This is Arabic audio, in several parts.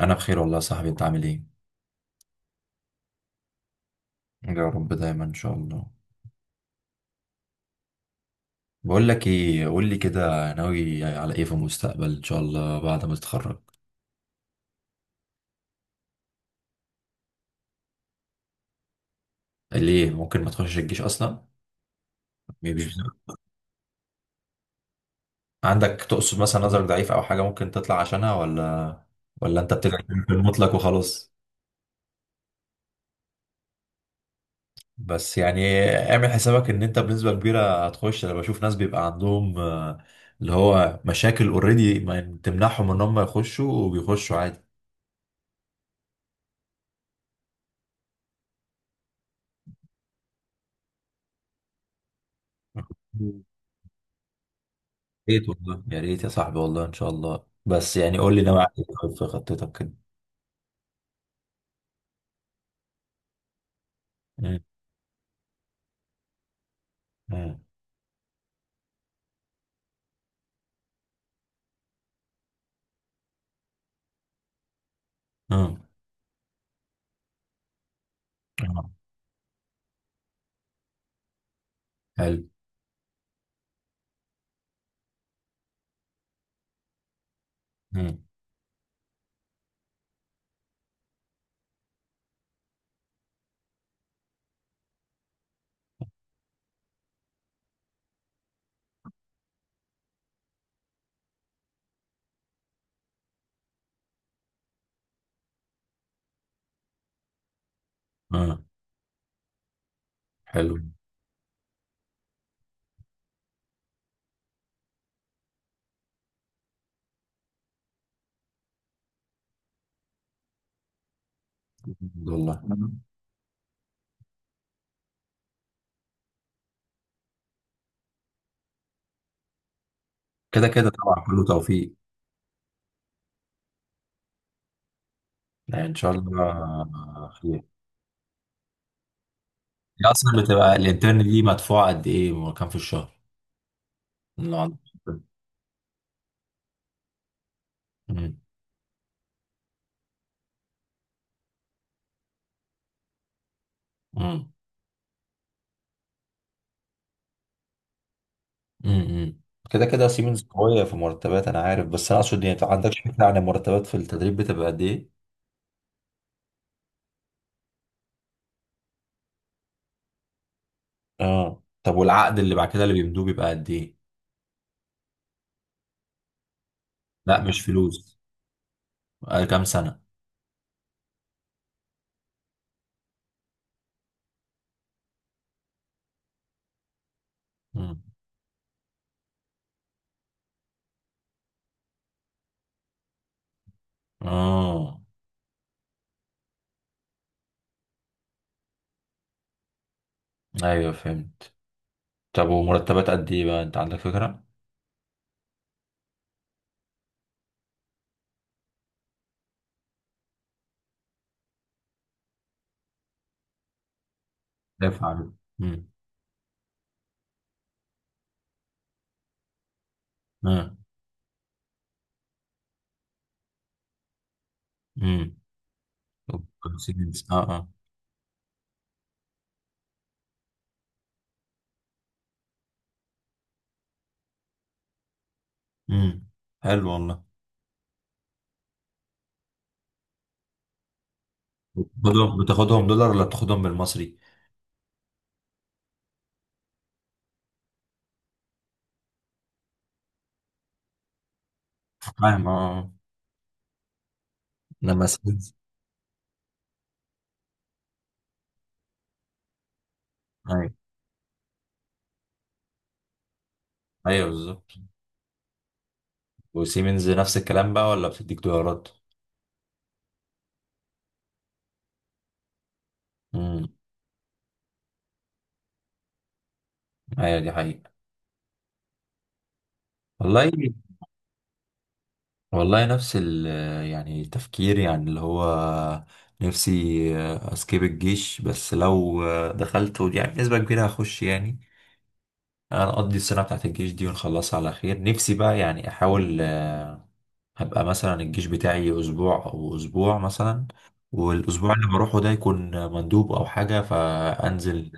انا بخير والله يا صاحبي، انت عامل ايه؟ يا رب دايما ان شاء الله. بقول لك ايه، قول لي كده، ناوي على ايه في المستقبل ان شاء الله بعد ما تتخرج؟ ليه ممكن ما تخشش الجيش اصلا؟ مش عندك تقصد مثلا نظرك ضعيف او حاجه ممكن تطلع عشانها، ولا انت بتدعي في المطلق وخلاص؟ بس يعني اعمل حسابك ان انت بنسبه كبيره هتخش. انا بشوف ناس بيبقى عندهم اللي هو مشاكل اوريدي ما تمنعهم ان هم يخشوا، وبيخشوا عادي. ريت والله، يا ريت يا صاحبي والله ان شاء الله. بس يعني قول لي ناوي على ايه طيب في خطتك كده؟ مم. مم. مم. مم. حلو. مم. مم. حلو والله. مم. كده كده طبعا كله توفيق. يعني ان شاء الله خير. هي اصلا بتبقى الانترن دي مدفوعه قد ايه، كام في الشهر لو عندك؟ خبرة. مم. مم. مم. كده كده سيمنز قويه في مرتبات انا عارف، بس انا اقصد يعني ما عندكش فكره عن المرتبات في التدريب بتبقى قد ايه؟ اه طب، والعقد اللي بعد كده اللي بيمدوه بيبقى قد ايه؟ لا، مش فلوس، كام سنة؟ مم. اه. ايوه فهمت. طب ومرتبات قد ايه بقى، انت عندك فكرة؟ دافع عليه. امم. اه. امم. طب 50. اه اه. امم. حلو والله. بتاخدهم دولار ولا بتاخدهم بالمصري؟ فاهم. اه. لما سيمنز. ايوه. ايوه بالظبط. وسيمنز نفس الكلام بقى ولا بتديك دولارات؟ امم. ايوه دي حقيقة. والله. والله نفس ال... يعني التفكير يعني اللي هو نفسي اسكيب الجيش، بس لو دخلته يعني بنسبة كبيرة هخش يعني. انا اقضي السنة بتاعت الجيش دي ونخلصها على خير، نفسي بقى يعني احاول هبقى مثلا الجيش بتاعي اسبوع او اسبوع مثلا، والاسبوع اللي بروحه ده يكون مندوب او حاجة فانزل.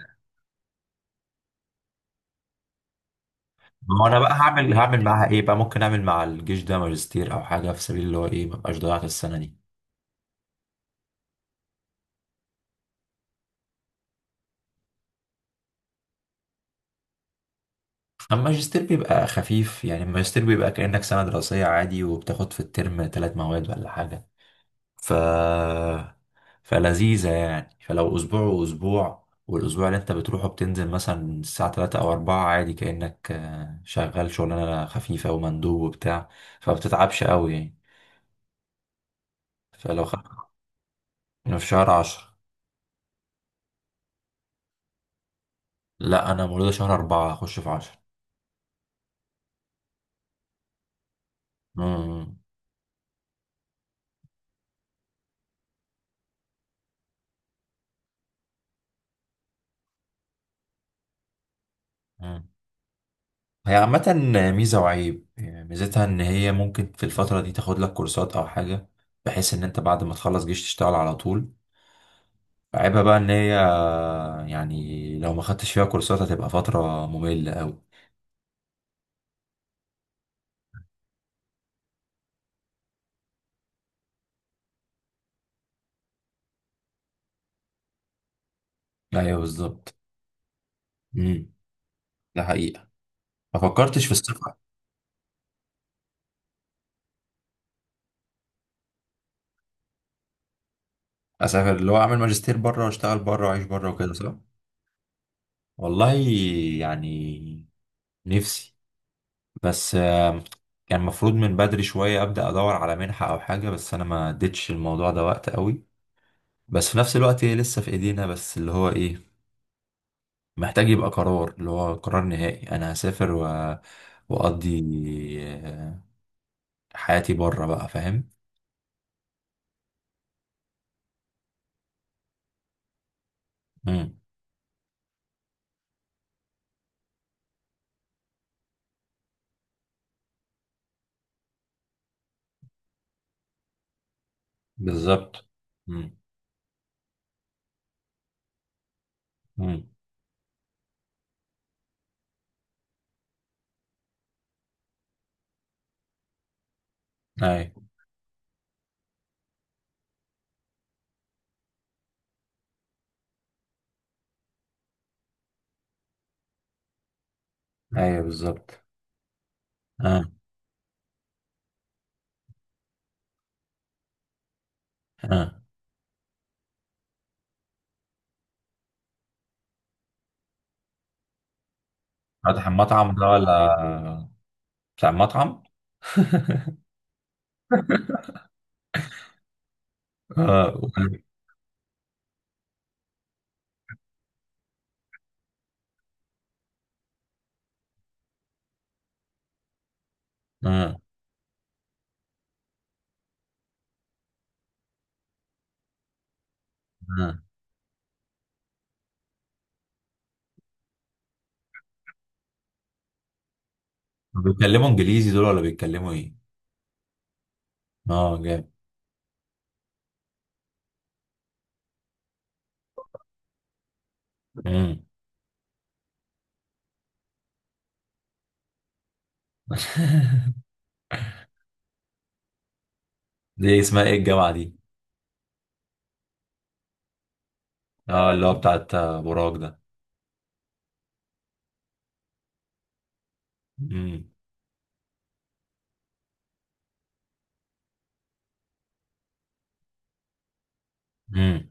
ما هو انا بقى هعمل معاها ايه بقى، ممكن اعمل مع الجيش ده ماجستير او حاجة في سبيل اللي هو ايه مبقاش ضيعت السنة دي. اما الماجستير بيبقى خفيف يعني، الماجستير بيبقى كأنك سنة دراسية عادي وبتاخد في الترم ثلاث مواد ولا حاجة. ف فلذيذة يعني. فلو أسبوع وأسبوع، والأسبوع اللي أنت بتروحه بتنزل مثلا الساعة تلاتة أو أربعة، عادي كأنك شغال شغلانة خفيفة ومندوب وبتاع، فبتتعبش قوي يعني. فلو خ... في شهر عشرة. لا، أنا مولودة شهر أربعة، أخش في عشرة. مم. هي عامة ميزة وعيب يعني. ميزتها إن هي ممكن في الفترة دي تاخد لك كورسات أو حاجة، بحيث إن أنت بعد ما تخلص جيش تشتغل على طول. عيبها بقى إن هي يعني لو ما خدتش فيها كورسات هتبقى فترة مملة أوي. أيوه بالظبط. امم. ده حقيقة. ما فكرتش في السفر؟ أسافر اللي هو أعمل ماجستير بره وأشتغل بره وأعيش بره وكده صح؟ والله يعني نفسي، بس كان المفروض من بدري شوية أبدأ أدور على منحة أو حاجة، بس أنا ما اديتش الموضوع ده وقت أوي. بس في نفس الوقت هي لسه في ايدينا، بس اللي هو ايه محتاج يبقى قرار، اللي هو قرار نهائي انا هسافر و... واقضي آه، حياتي بره بقى، فاهم. امم. بالظبط. امم. امم. اي. اي بالظبط. اه. اه. فاتح المطعم ده ولا بتاع المطعم؟ اه. اه. اه. بيتكلموا انجليزي دول ولا بيتكلموا ايه؟ اه جامد. امم. دي اسمها ايه الجامعة دي؟ اه، اللي هو بتاعت براك ده. امم. امم.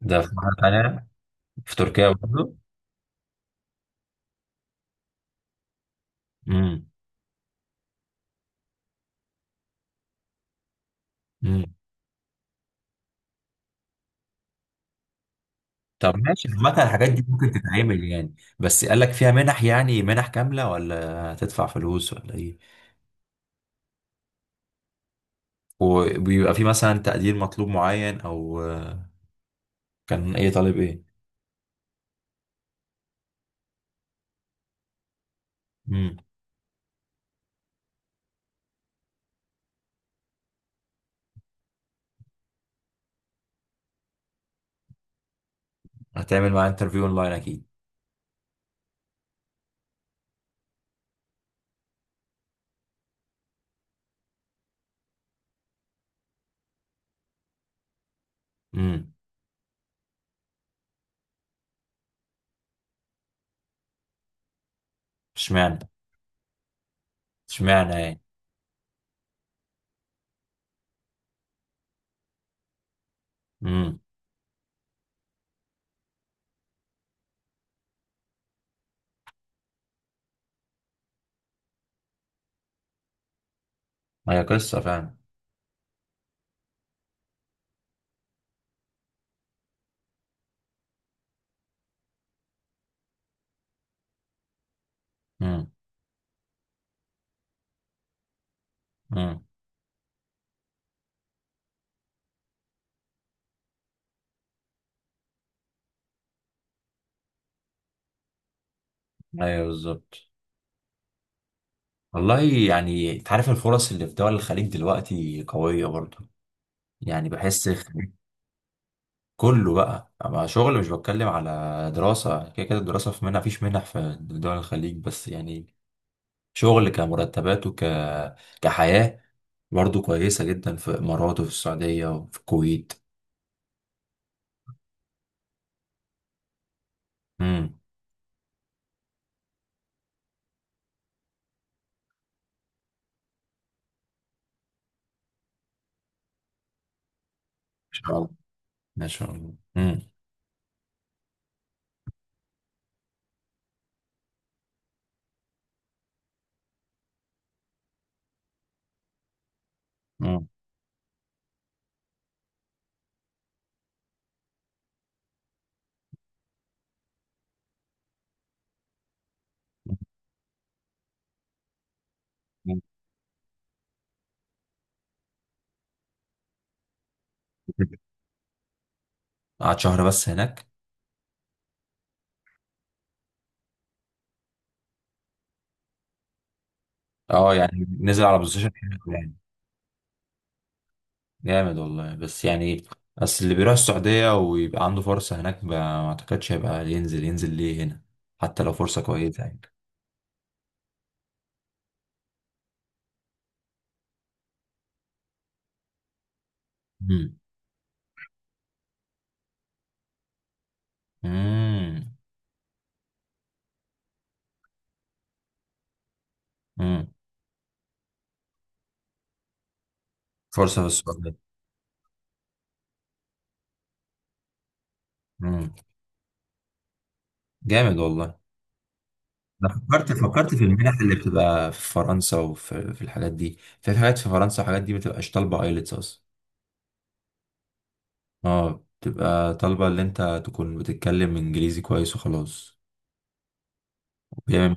ده في مرة تانية؟ في تركيا برضه؟ امم. امم. طب ماشي. عامة الحاجات دي ممكن تتعمل يعني، بس قال لك فيها منح يعني، منح كاملة ولا هتدفع فلوس ولا ايه؟ وبيبقى في مثلا تقدير مطلوب معين او كان ايه طالب ايه؟ امم. هتعمل معاه انترفيو اونلاين اكيد؟ امم. اشمعنى؟ اشمعنى يعني. امم. هي قصة فعلا. امم. امم. ايوه بالظبط. والله يعني انت عارف الفرص اللي في دول الخليج دلوقتي قوية برضه. يعني بحس في... كله بقى مع شغل، مش بتكلم على دراسة. كده كده الدراسة في منح فيش منح في دول الخليج، بس يعني شغل كمرتبات وك... كحياة برضه كويسة جدا في الإمارات وفي السعودية وفي الكويت. امم. إن شاء الله. ما شاء الله. امم. امم. قعد شهر بس هناك؟ اه يعني نزل على بوزيشن حلو يعني. جامد والله. بس يعني اصل اللي بيروح السعودية ويبقى عنده فرصة هناك ما اعتقدش هيبقى ينزل، ليه هنا حتى لو فرصة كويسة يعني. امم. امم. أمم. فرصة في السعودية. امم. جامد والله. انا فكرت في المنح اللي بتبقى في فرنسا، وفي الحاجات دي. في حاجات في فرنسا وحاجات دي ما بتبقاش طالبة ايلتس اصلا. اه، بتبقى طالبة اللي انت تكون بتتكلم انجليزي كويس وخلاص. يعني...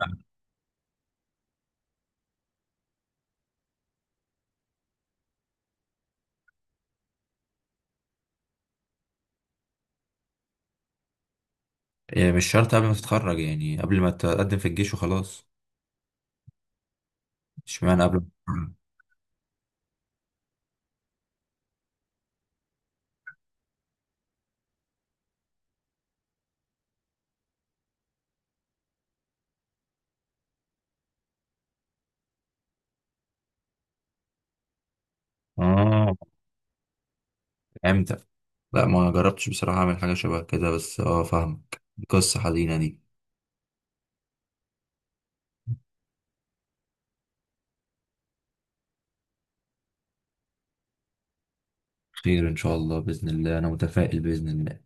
يعني مش شرط قبل ما تتخرج، يعني قبل ما تقدم في الجيش وخلاص. اشمعنى قبل الكورونا؟ اه فهمتك. لا، ما جربتش بصراحة أعمل حاجة شبه كده، بس اه فاهمك. قصة حزينة دي. خير إن شاء الله بإذن الله، أنا متفائل بإذن الله.